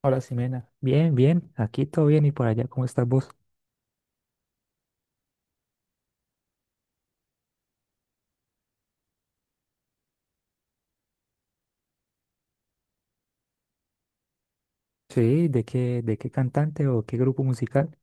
Hola, Ximena. Bien, bien. Aquí todo bien y por allá, ¿cómo estás vos? Sí, ¿de qué cantante o qué grupo musical?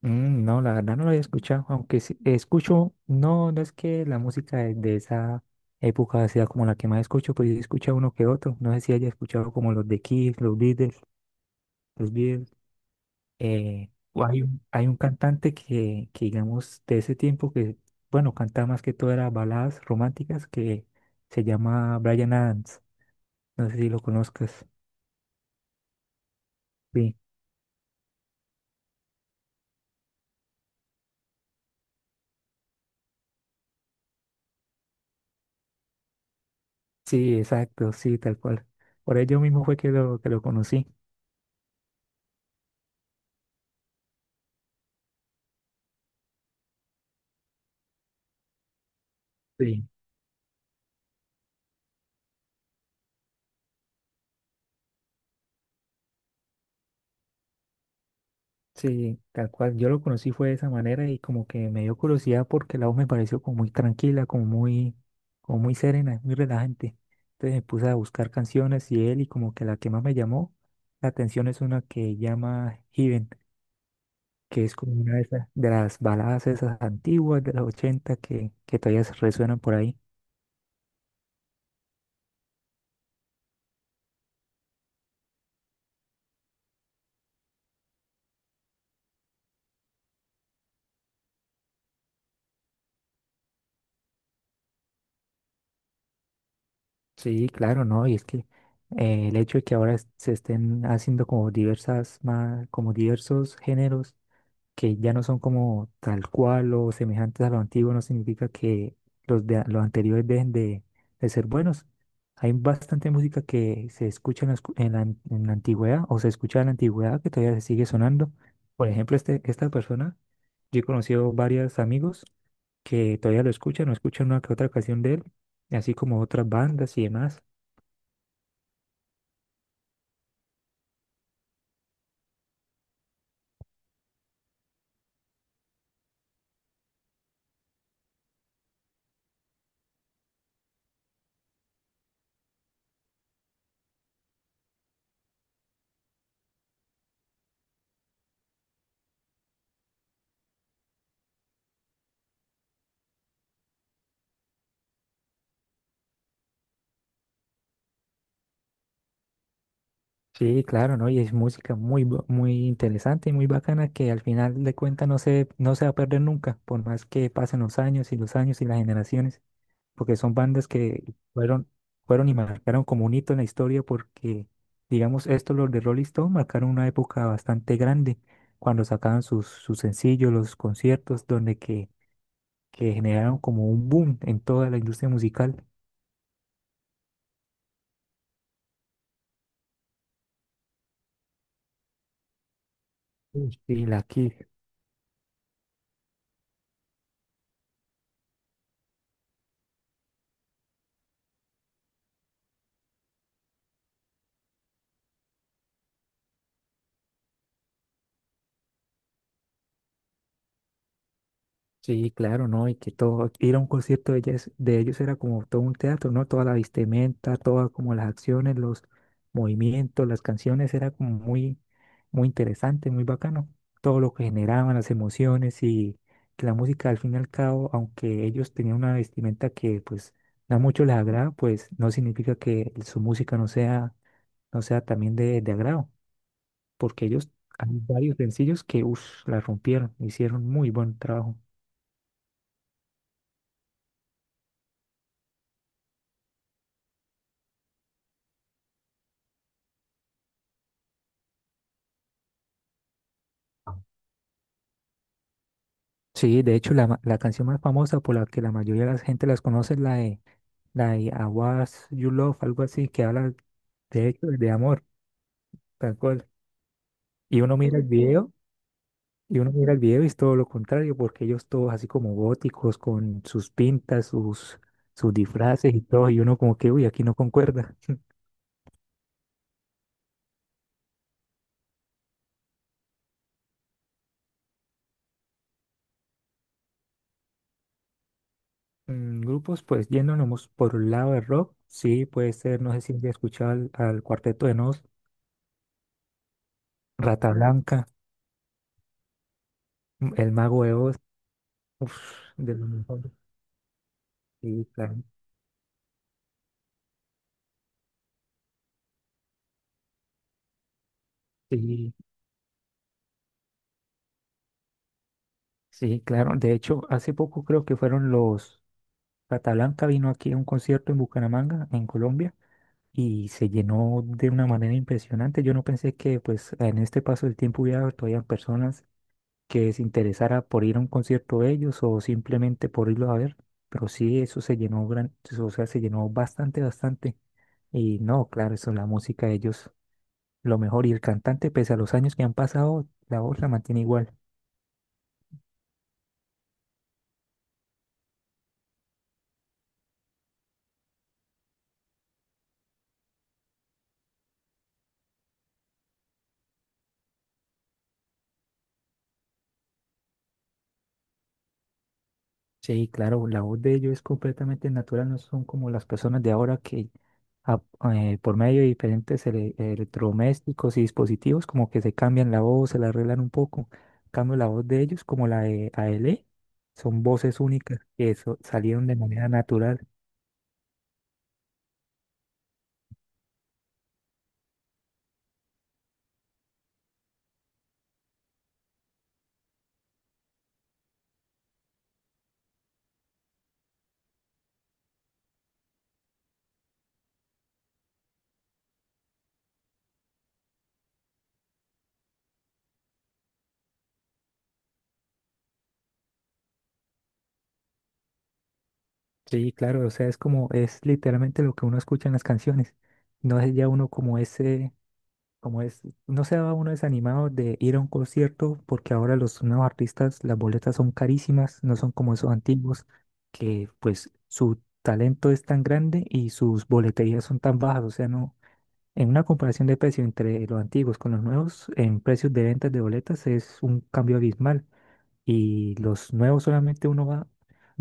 No, la verdad no lo había escuchado, aunque sí escucho. No, no es que la música de esa época sea como la que más escucho, pues yo escucho uno que otro. No sé si haya escuchado como los de Kiss, los Beatles. O hay un cantante que, digamos, de ese tiempo que, bueno, cantaba más que todo era baladas románticas que se llama Bryan Adams. No sé si lo conozcas. Sí. Sí, exacto, sí, tal cual. Por ello mismo fue que lo conocí. Sí. Sí, tal cual. Yo lo conocí fue de esa manera, y como que me dio curiosidad porque la voz me pareció como muy tranquila, como muy serena, muy relajante. Entonces me puse a buscar canciones y él, y como que la que más me llamó la atención es una que llama Heaven, que es como una de esas, de las baladas esas antiguas de los 80 que todavía se resuenan por ahí. Sí, claro, ¿no? Y es que el hecho de que ahora se estén haciendo como diversas más, como diversos géneros que ya no son como tal cual o semejantes a lo antiguo, no significa que los los anteriores dejen de ser buenos. Hay bastante música que se escucha en la antigüedad, o se escucha en la antigüedad, que todavía se sigue sonando. Por ejemplo, esta persona, yo he conocido varios amigos que todavía lo escuchan o escuchan una que otra canción de él, así como otras bandas y demás. Sí, claro, ¿no? Y es música muy interesante y muy bacana, que al final de cuentas no se va a perder nunca, por más que pasen los años y las generaciones, porque son bandas que fueron y marcaron como un hito en la historia porque, digamos, estos, los de Rolling Stone, marcaron una época bastante grande cuando sacaban sus sencillos, los conciertos, donde que generaron como un boom en toda la industria musical. Uy. Y la. Sí, claro, ¿no? Y que todo, ir a un concierto de ellas, de ellos, era como todo un teatro, ¿no? Toda la vestimenta, todas como las acciones, los movimientos, las canciones, era como muy, muy interesante, muy bacano. Todo lo que generaban, las emociones, y que la música al fin y al cabo, aunque ellos tenían una vestimenta que pues no mucho les agrada, pues no significa que su música no sea también de agrado, porque ellos, hay varios sencillos que, uff, la rompieron, hicieron muy buen trabajo. Sí, de hecho, la canción más famosa por la que la mayoría de la gente las conoce es la de I Was You Love, algo así, que habla de hecho de amor, tal cual. Y uno mira el video y es todo lo contrario, porque ellos todos así como góticos, con sus pintas, sus disfraces y todo, y uno como que, uy, aquí no concuerda. Grupos, pues yéndonos por un lado de rock, sí, puede ser. No sé si ya escuchado al Cuarteto de Nos, Rata Blanca, El Mago de Oz, uf, de los mejores. Sí, claro. Sí, sí, claro. De hecho, hace poco creo que fueron los Catalanca, vino aquí a un concierto en Bucaramanga, en Colombia, y se llenó de una manera impresionante. Yo no pensé que pues en este paso del tiempo hubiera todavía personas que se interesara por ir a un concierto de ellos o simplemente por irlo a ver. Pero sí, eso se llenó o sea, se llenó bastante, bastante. Y no, claro, eso, la música de ellos, lo mejor. Y el cantante, pese a los años que han pasado, la voz la mantiene igual. Sí, claro, la voz de ellos es completamente natural, no son como las personas de ahora que a- por medio de diferentes electrodomésticos y dispositivos como que se cambian la voz, se la arreglan un poco. En cambio, la voz de ellos, como la de AL, son voces únicas que salieron de manera natural. Sí, claro, o sea, es como, es literalmente lo que uno escucha en las canciones. No es ya uno como ese. Como es, no se va uno desanimado de ir a un concierto, porque ahora los nuevos artistas, las boletas son carísimas, no son como esos antiguos, que pues su talento es tan grande y sus boleterías son tan bajas. O sea, no, en una comparación de precio entre los antiguos con los nuevos, en precios de ventas de boletas es un cambio abismal. Y los nuevos, solamente uno va,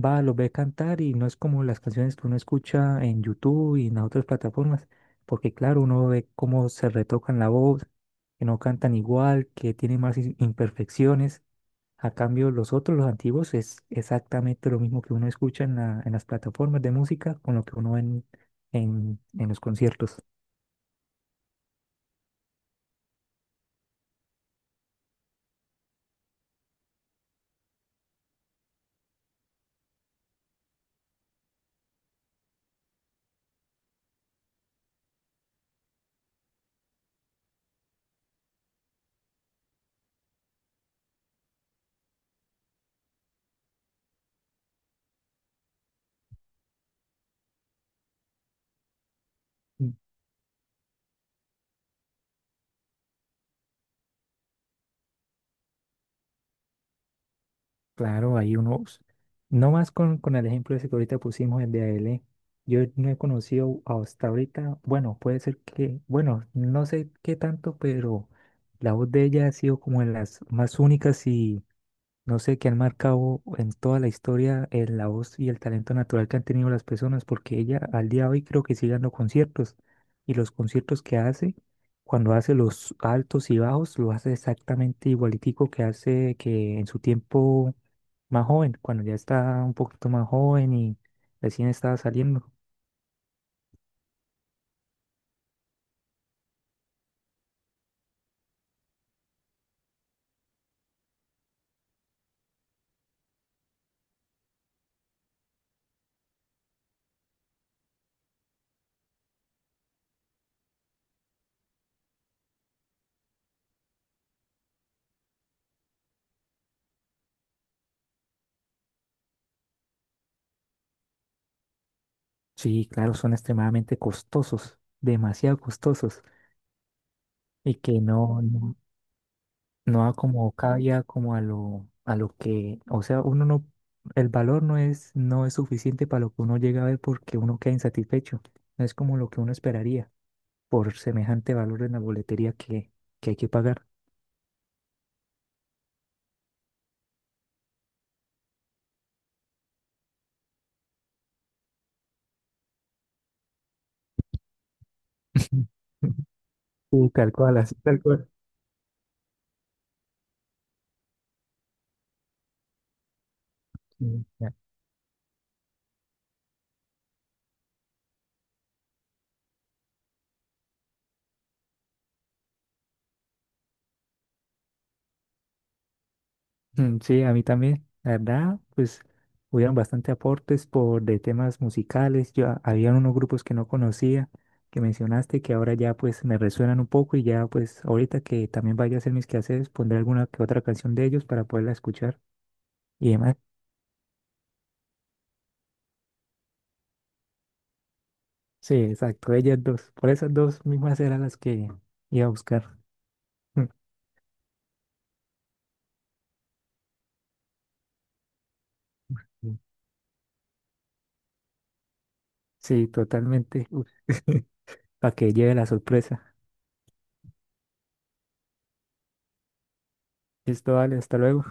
va, los ve cantar, y no es como las canciones que uno escucha en YouTube y en las otras plataformas, porque claro, uno ve cómo se retocan la voz, que no cantan igual, que tienen más imperfecciones. A cambio, los otros, los antiguos, es exactamente lo mismo que uno escucha en en las plataformas de música con lo que uno ve en los conciertos. Claro, hay unos, no más con el ejemplo ese que ahorita pusimos, el de ALE, yo no he conocido hasta ahorita, bueno, puede ser que, bueno, no sé qué tanto, pero la voz de ella ha sido como de las más únicas y, no sé, que han marcado en toda la historia, la voz y el talento natural que han tenido las personas, porque ella al día de hoy creo que sigue dando conciertos, y los conciertos que hace, cuando hace los altos y bajos, lo hace exactamente igualitico que hace que en su tiempo más joven, cuando ya está un poquito más joven y recién estaba saliendo. Sí, claro, son extremadamente costosos, demasiado costosos, y que no a como cabía, como a lo que, o sea, uno no, el valor no es suficiente para lo que uno llega a ver, porque uno queda insatisfecho. No es como lo que uno esperaría por semejante valor en la boletería que hay que pagar. Sí, tal cual, así tal cual. Mm, sí, a mí también, la verdad, pues hubieron bastante aportes por de temas musicales. Yo había unos grupos que no conocía, que mencionaste, que ahora ya pues me resuenan un poco, y ya pues ahorita que también vaya a hacer mis quehaceres, pondré alguna que otra canción de ellos para poderla escuchar y demás. Sí, exacto, ellas dos. Por esas dos mismas eran las que iba a buscar. Sí, totalmente. Para que lleve la sorpresa. Listo, vale, hasta luego.